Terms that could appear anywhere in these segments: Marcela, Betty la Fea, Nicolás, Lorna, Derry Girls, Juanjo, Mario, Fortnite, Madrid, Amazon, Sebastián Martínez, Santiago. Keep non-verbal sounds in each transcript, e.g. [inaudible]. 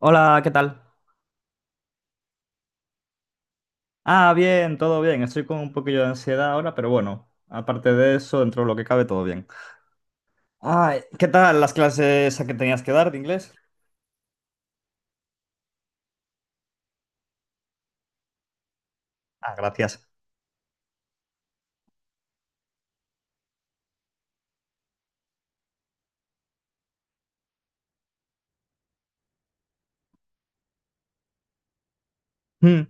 Hola, ¿qué tal? Ah, bien, todo bien. Estoy con un poquillo de ansiedad ahora, pero bueno, aparte de eso, dentro de lo que cabe, todo bien. Ah, ¿qué tal las clases a que tenías que dar de inglés? Ah, gracias. Mm,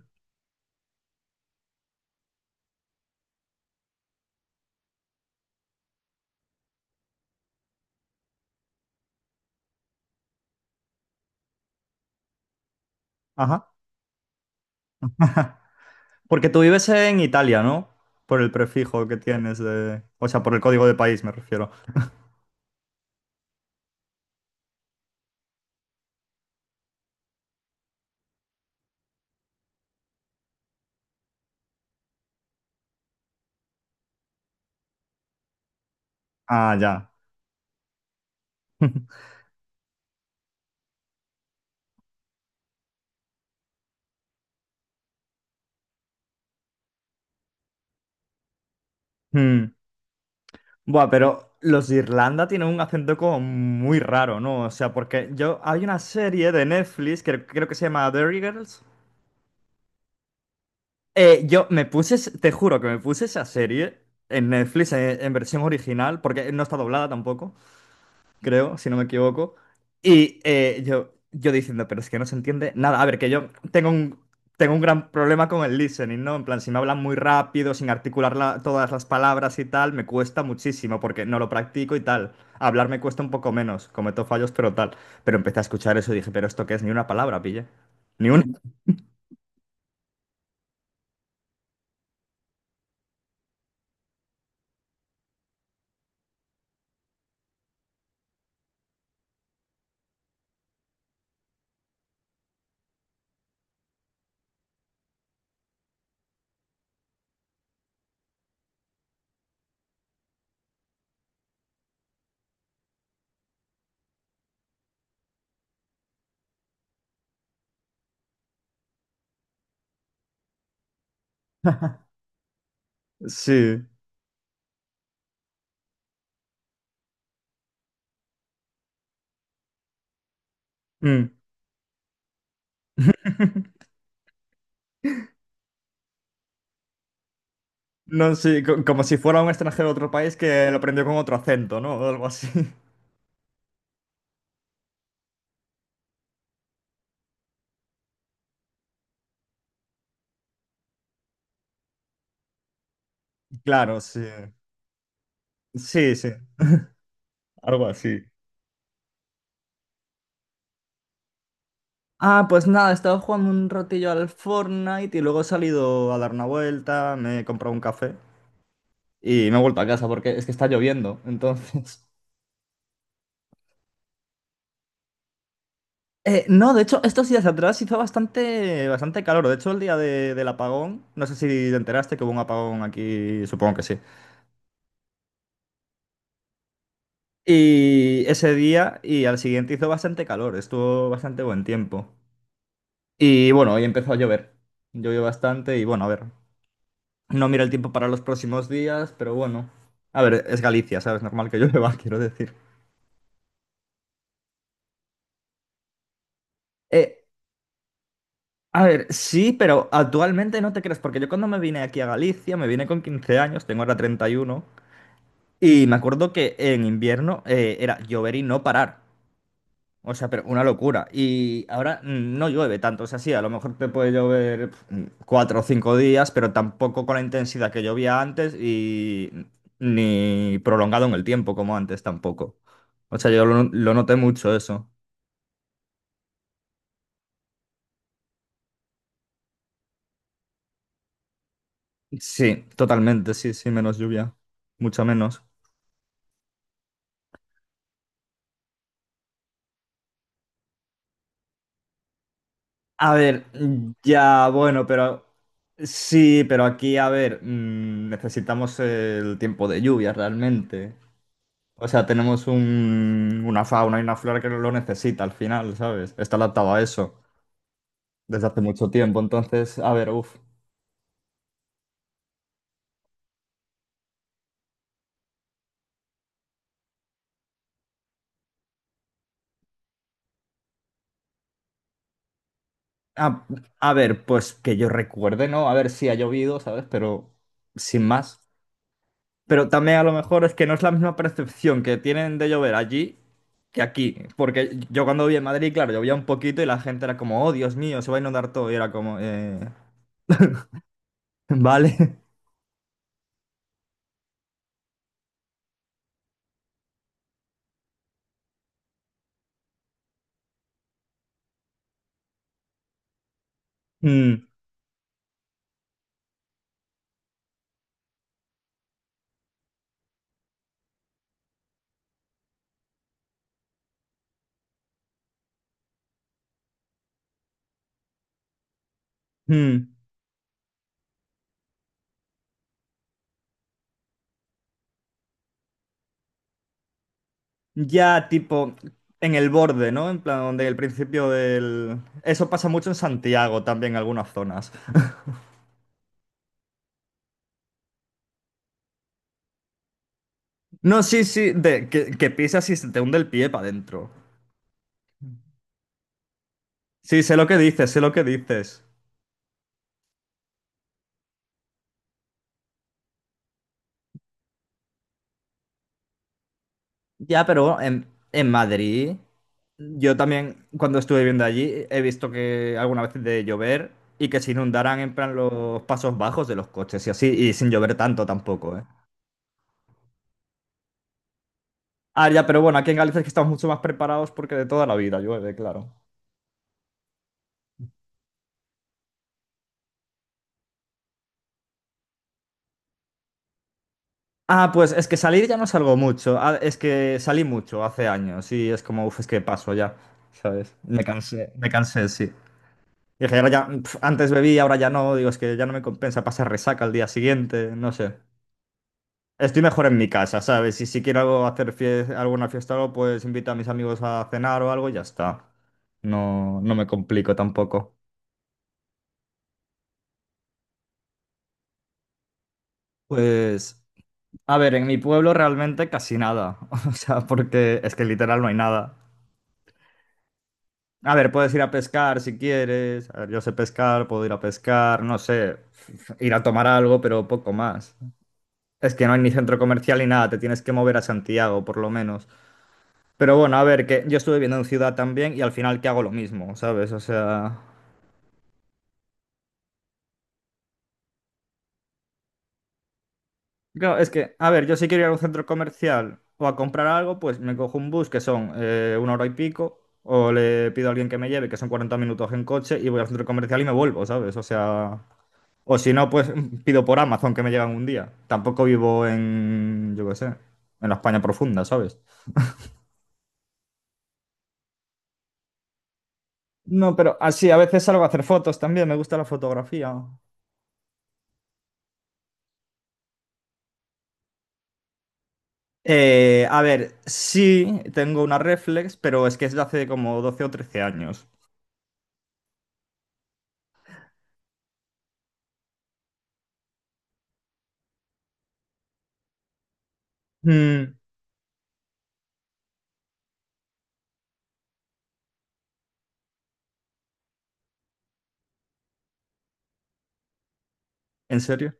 ajá. Porque tú vives en Italia, ¿no? Por el prefijo que tienes de... O sea, por el código de país me refiero. Ah, ya. [laughs] Mm. Buah, pero los de Irlanda tienen un acento como muy raro, ¿no? O sea, porque yo... Hay una serie de Netflix que creo que se llama Derry Girls. Yo me puse, te juro que me puse esa serie en Netflix en versión original, porque no está doblada tampoco, creo, si no me equivoco. Y yo diciendo, pero es que no se entiende nada. A ver, que yo tengo un gran problema con el listening, ¿no? En plan, si me hablan muy rápido, sin articular todas las palabras y tal, me cuesta muchísimo porque no lo practico y tal. Hablar me cuesta un poco menos, cometo fallos, pero tal. Pero empecé a escuchar eso y dije, pero esto qué es, ni una palabra, pille. Ni una. Sí. Mm. No, sí, como si fuera un extranjero de otro país que lo aprendió con otro acento, ¿no? [laughs] O algo así. [laughs] Claro, sí. Sí, sí, algo así. Ah, pues nada, estaba jugando un ratillo al Fortnite y luego he salido a dar una vuelta, me he comprado un café y me he vuelto a casa porque es que está lloviendo, entonces... [laughs] No, de hecho, estos días atrás hizo bastante, bastante calor. De hecho, el día del apagón, no sé si te enteraste que hubo un apagón aquí, supongo que sí. Y ese día y al siguiente hizo bastante calor, estuvo bastante buen tiempo. Y bueno, hoy empezó a llover. Llovió bastante y bueno, a ver, no miro el tiempo para los próximos días, pero bueno. A ver, es Galicia, ¿sabes? Normal que llueva, [laughs] quiero decir. Eh, a ver, sí, pero actualmente no te crees, porque yo cuando me vine aquí a Galicia, me vine con 15 años, tengo ahora 31, y uno, y me acuerdo que en invierno era llover y no parar. O sea, pero una locura. Y ahora no llueve tanto. O sea, sí, a lo mejor te puede llover 4 o 5 días, pero tampoco con la intensidad que llovía antes y ni prolongado en el tiempo como antes tampoco. O sea, yo lo noté mucho eso. Sí, totalmente, sí, sí, menos lluvia. Mucha menos. A ver, ya, bueno, pero sí, pero aquí, a ver, necesitamos el tiempo de lluvia realmente. O sea, tenemos una fauna y una flora que lo necesita al final, ¿sabes? Está adaptado a eso desde hace mucho tiempo. Entonces, a ver, uff. A, a ver, pues que yo recuerde, ¿no? A ver si ha llovido, ¿sabes? Pero sin más. Pero también a lo mejor es que no es la misma percepción que tienen de llover allí que aquí. Porque yo cuando viví en Madrid, claro, llovía un poquito y la gente era como, oh, Dios mío, se va a inundar todo. Y era como, [laughs] vale. [laughs] Mm, mm. Ya tipo en el borde, ¿no? En plan, donde el principio del... Eso pasa mucho en Santiago también, en algunas zonas. No, sí, sí, de que pisas y se te hunde el pie para adentro. Sí, sé lo que dices, sé lo que dices. Ya, pero en Madrid, yo también cuando estuve viviendo allí he visto que alguna vez de llover y que se inundaran en plan los pasos bajos de los coches y así, y sin llover tanto tampoco, ¿eh? Ah, ya, pero bueno, aquí en Galicia es que estamos mucho más preparados porque de toda la vida llueve, claro. Ah, pues es que salir ya no salgo mucho. Ah, es que salí mucho hace años y es como, uff, es que paso ya, ¿sabes? Me cansé, sí. Dije, ahora ya, antes bebí, ahora ya no. Digo, es que ya no me compensa pasar resaca al día siguiente, no sé. Estoy mejor en mi casa, ¿sabes? Y si quiero algo hacer alguna fiesta o algo, pues invito a mis amigos a cenar o algo y ya está. No, no me complico tampoco. Pues, a ver, en mi pueblo realmente casi nada. [laughs] O sea, porque es que literal no hay nada. A ver, puedes ir a pescar si quieres. A ver, yo sé pescar, puedo ir a pescar, no sé, ir a tomar algo, pero poco más. Es que no hay ni centro comercial ni nada, te tienes que mover a Santiago, por lo menos. Pero bueno, a ver, que yo estuve viviendo en ciudad también y al final que hago lo mismo, ¿sabes? O sea, claro, es que, a ver, yo si quiero ir a un centro comercial o a comprar algo, pues me cojo un bus que son una hora y pico, o le pido a alguien que me lleve, que son 40 minutos en coche, y voy al centro comercial y me vuelvo, ¿sabes? O sea, o si no, pues pido por Amazon que me llegan un día. Tampoco vivo en, yo qué sé, en la España profunda, ¿sabes? No, pero así, a veces salgo a hacer fotos también, me gusta la fotografía. A ver, sí, tengo una reflex, pero es que es de hace como 12 o 13 años. Mm, ¿en serio?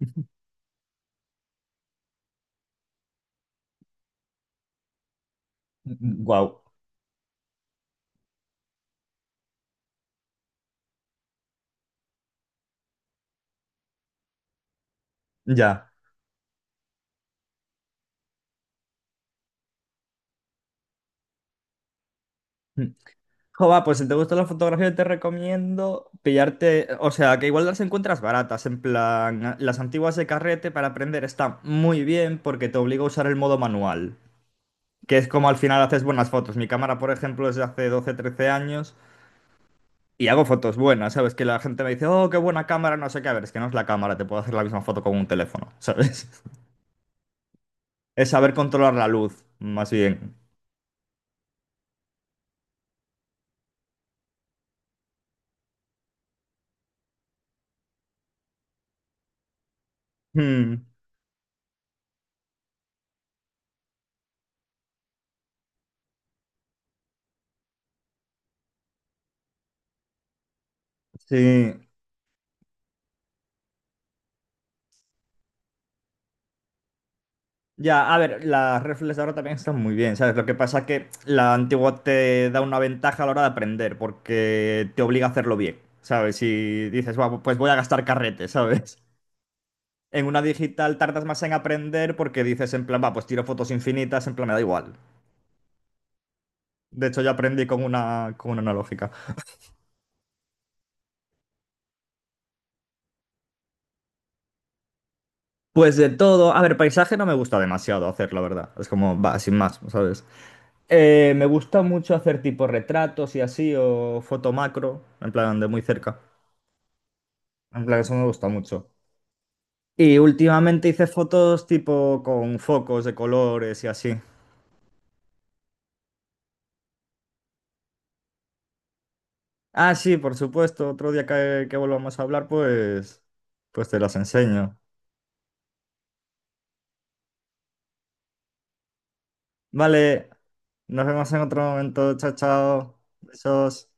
[laughs] Wow, ya. Jova, pues si te gusta la fotografía, te recomiendo pillarte, o sea, que igual las encuentras baratas, en plan, las antiguas de carrete para aprender están muy bien porque te obliga a usar el modo manual, que es como al final haces buenas fotos. Mi cámara, por ejemplo, es de hace 12, 13 años y hago fotos buenas, ¿sabes? Que la gente me dice, oh, qué buena cámara, no sé qué, a ver, es que no es la cámara, te puedo hacer la misma foto con un teléfono, ¿sabes? [laughs] Es saber controlar la luz, más bien. Hmm, sí. Ya, a ver, las reflex ahora también están muy bien, ¿sabes? Lo que pasa es que la antigua te da una ventaja a la hora de aprender, porque te obliga a hacerlo bien, ¿sabes? Si dices, va, pues voy a gastar carrete, ¿sabes? [laughs] En una digital tardas más en aprender porque dices, en plan, va, pues tiro fotos infinitas, en plan, me da igual. De hecho, yo aprendí con una analógica. Pues de todo, a ver, paisaje no me gusta demasiado hacer, la verdad. Es como, va, sin más, ¿sabes? Me gusta mucho hacer tipo retratos y así, o foto macro, en plan, de muy cerca. En plan, eso me gusta mucho. Y últimamente hice fotos tipo con focos de colores y así. Ah, sí, por supuesto. Otro día que volvamos a hablar, pues te las enseño. Vale, nos vemos en otro momento. Chao, chao. Besos.